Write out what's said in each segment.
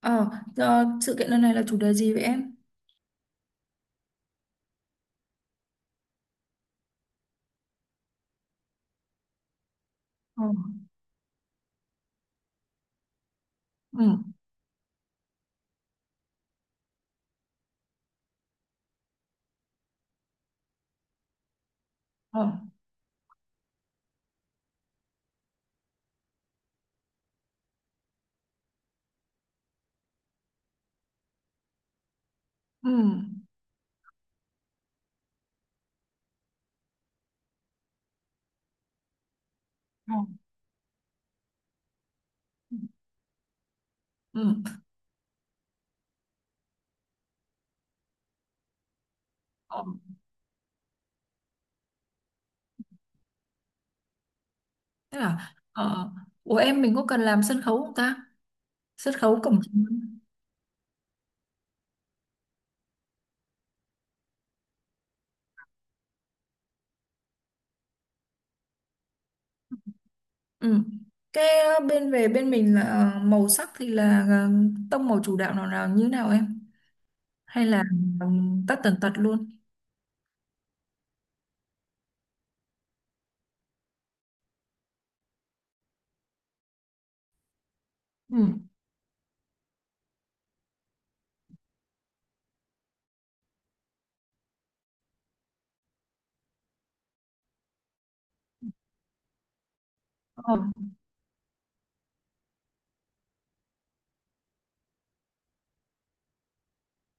Ờ, sự kiện lần này là chủ đề gì vậy em? Ờ. Ừ. Ờ. Ừ. Ờ. Ừ. Ờ. Thế là, của em mình có cần làm sân khấu không ta? Sân khấu cổng chính. Ừ. Cái bên về bên mình là màu sắc thì là tông màu chủ đạo nào nào như nào em? Hay là ờ, tất tần tật luôn? Ừ. Ờ,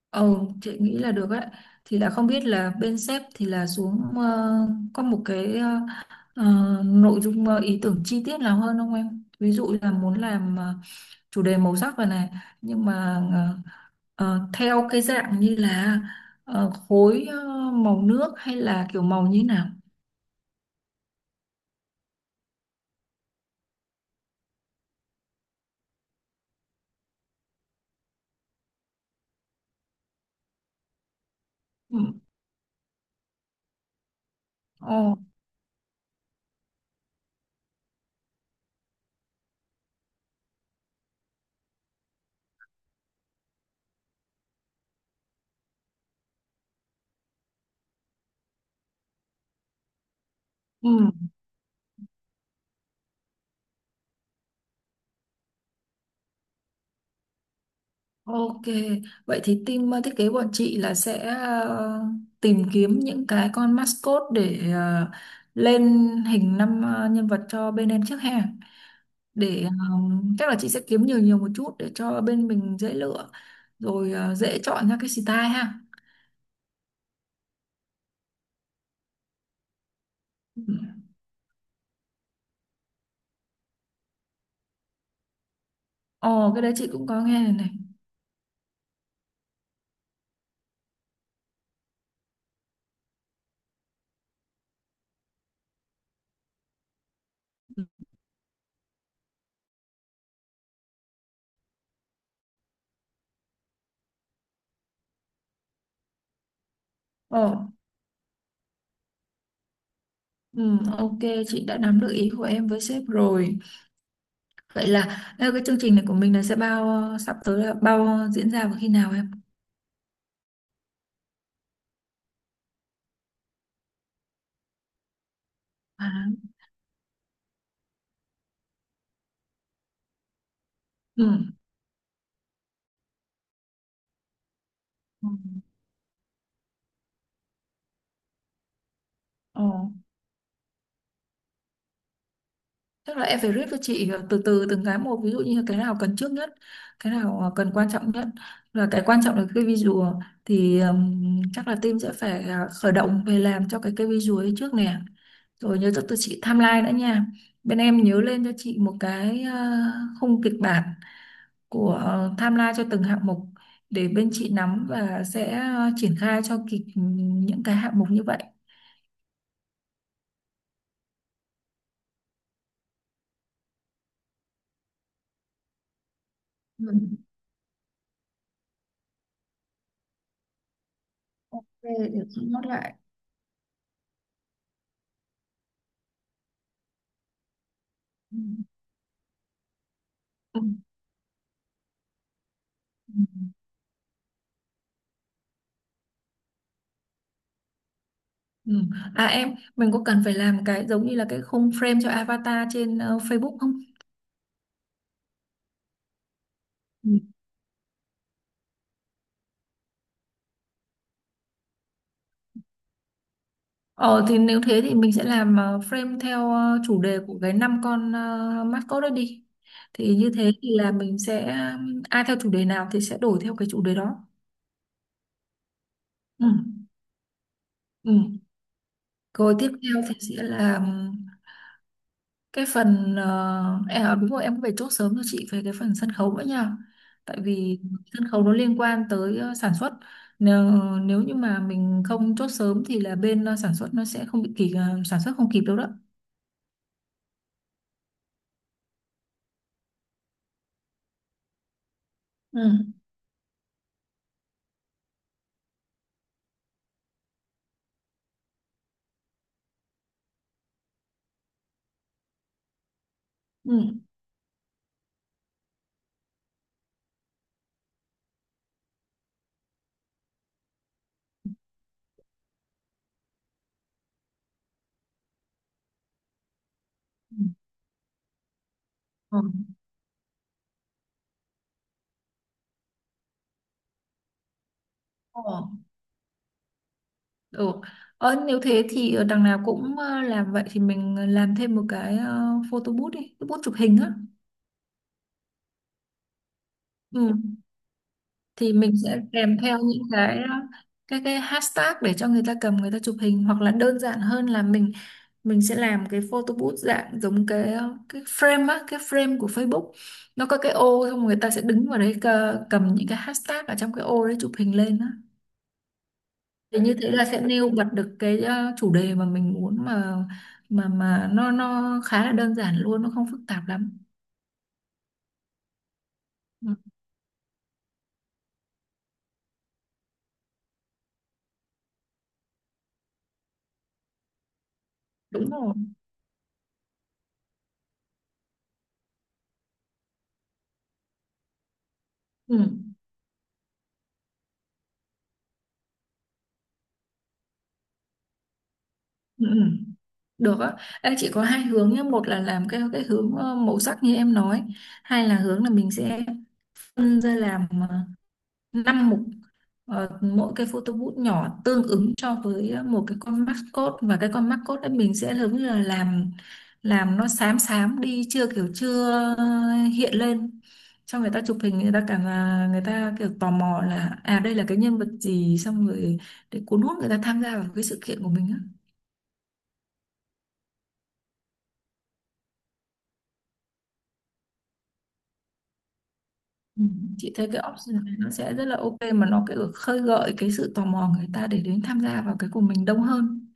ờ, chị nghĩ là được ấy. Thì là không biết là bên sếp thì là xuống có một cái Ờ, nội dung ý tưởng chi tiết nào hơn không em? Ví dụ là muốn làm chủ đề màu sắc rồi này, nhưng mà theo cái dạng như là khối màu nước hay là kiểu màu như nào? Ừ. Ồ, ừ. Ok, vậy thì team thiết kế bọn chị là sẽ tìm kiếm những cái con mascot để lên hình năm nhân vật cho bên em trước ha. Để chắc là chị sẽ kiếm nhiều nhiều một chút để cho bên mình dễ lựa, rồi dễ chọn ra cái style ha. Ừ. Ồ, cái đấy chị cũng có nghe này này. Ồ. Ừ, ok, chị đã nắm được ý của em với sếp rồi. Vậy là cái chương trình này của mình là sẽ bao sắp tới là bao diễn ra vào khi nào em? À. Ừ. Ừ. Ồ. Chắc là em phải rip cho chị từ từ từng cái một, ví dụ như cái nào cần trước nhất, cái nào cần quan trọng nhất, và cái quan trọng là cái visual. Thì chắc là team sẽ phải khởi động về làm cho cái visual ấy trước nè. Rồi nhớ cho tụi chị timeline nữa nha. Bên em nhớ lên cho chị một cái khung kịch bản của timeline cho từng hạng mục, để bên chị nắm và sẽ triển khai cho kịp những cái hạng mục như vậy. Ừ. Ok, để chị nốt lại. Ừ. Ừ. Ừ. À em, mình có cần phải làm cái giống như là cái khung frame cho avatar trên Facebook không? Ừ. Ờ thì nếu thế thì mình sẽ làm frame theo chủ đề của cái năm con mascot đó đi. Thì như thế thì là mình sẽ ai theo chủ đề nào thì sẽ đổi theo cái chủ đề đó. Ừ. Ừ. Rồi tiếp theo thì sẽ là cái phần em à, đúng rồi em cũng phải chốt sớm cho chị về cái phần sân khấu nữa nha, tại vì sân khấu nó liên quan tới sản xuất, nếu, nếu như mà mình không chốt sớm thì là bên sản xuất nó sẽ không bị kịp, sản xuất không kịp đâu đó. Ừ. Ừ. Ừ. Ừ. Ờ. Ừ. Nếu thế thì đằng nào cũng làm vậy, thì mình làm thêm một cái photo booth đi, cái booth chụp hình á. Ừ. Thì mình sẽ kèm theo những cái cái hashtag để cho người ta cầm người ta chụp hình, hoặc là đơn giản hơn là mình sẽ làm cái photo booth dạng giống cái cái frame á, cái frame của Facebook. Nó có cái ô, xong người ta sẽ đứng vào đấy, cầm những cái hashtag ở trong cái ô đấy chụp hình lên á. Thì như thế là sẽ nêu bật được cái chủ đề mà mình muốn, mà mà nó khá là đơn giản luôn, nó không phức tạp lắm. Ừ, đúng rồi. Ừ. Ừ. Ừ. Được á. Ê, chỉ có hai hướng nhé, một là làm cái hướng màu sắc như em nói, hai là hướng là mình sẽ phân ra làm 5 mục. Mỗi cái photo booth nhỏ tương ứng cho với một cái con mascot, và cái con mascot ấy mình sẽ giống như là làm nó xám xám đi, chưa kiểu chưa ờ, hiện lên cho người ta chụp hình, người ta cảm là người ta kiểu tò mò là à đây là cái nhân vật gì, xong rồi để cuốn hút người ta tham gia vào cái sự kiện của mình á. Ừ, chị thấy cái option này nó sẽ rất là ok, mà nó cái khơi gợi cái sự tò mò người ta để đến tham gia vào cái của mình đông hơn.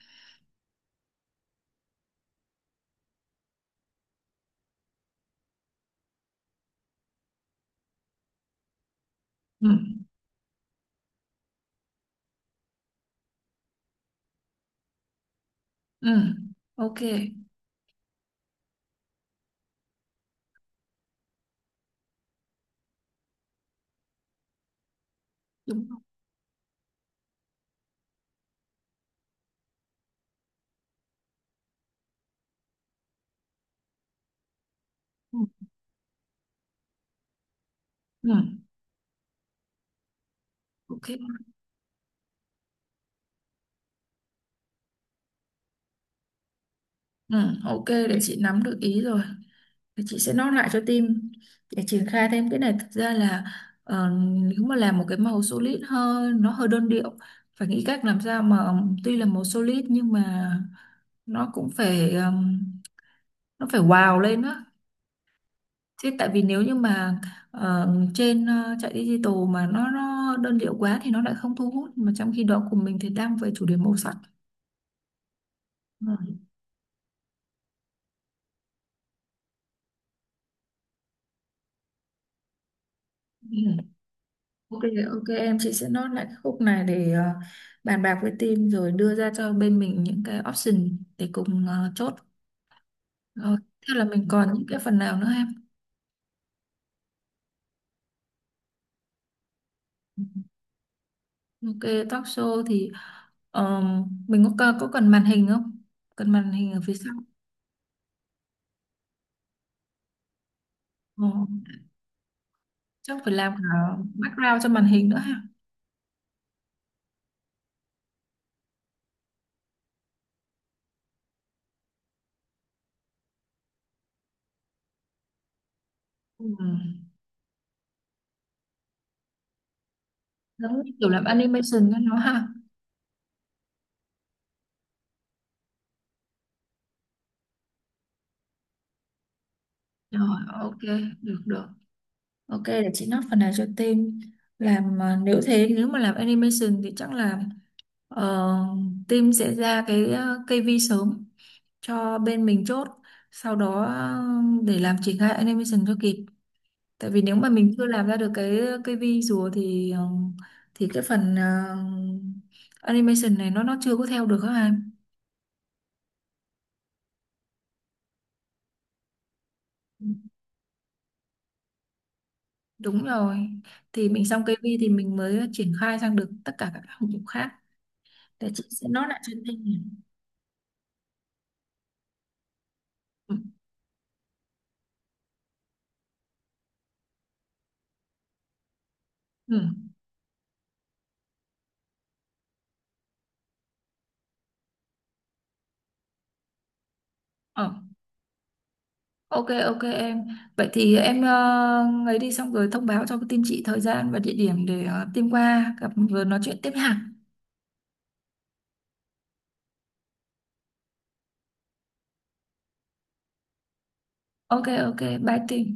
Ừ. Ừ, ok, đúng rồi. Ừ. Ừ, ok. Ừ, ok, để chị nắm được ý rồi, để chị sẽ note lại cho team để triển khai thêm cái này. Thực ra là ờ, nếu mà làm một cái màu solid hơn nó hơi đơn điệu, phải nghĩ cách làm sao mà tuy là màu solid nhưng mà nó cũng phải nó phải wow lên á. Thế, tại vì nếu như mà ờ, trên chạy digital mà nó đơn điệu quá thì nó lại không thu hút, mà trong khi đó của mình thì đang về chủ đề màu sắc. Rồi. Ừ. Ok, ok em, chị sẽ note lại cái khúc này để bàn bạc với team rồi đưa ra cho bên mình những cái option để cùng chốt. Rồi. Thế là mình còn những cái phần nào nữa em? Ok, talk show thì ờ, mình có cần màn hình không? Cần màn hình ở phía sau. Ờ, chắc phải làm cả background cho màn hình nữa ha. Ừ. Giống như kiểu làm animation cho nó ha. Rồi, ok, được được, ok, để chị note phần này cho team làm. Nếu thế, nếu mà làm animation thì chắc là ờ, team sẽ ra cái kây vi sớm cho bên mình chốt, sau đó để làm triển khai animation cho kịp. Tại vì nếu mà mình chưa làm ra được cái kây vi rùa thì thì cái phần animation này nó chưa có theo được các em. Đúng rồi. Thì mình xong cây vi thì mình mới triển khai sang được tất cả các hạng mục khác. Để chị sẽ nốt lại cho anh thêm nhỉ. Ừ. Ừ. Ờ. Ok, ok em. Vậy thì em ấy đi xong rồi thông báo cho team chị thời gian và địa điểm để team qua gặp rồi nói chuyện tiếp hàng. Ok, ok, bye team.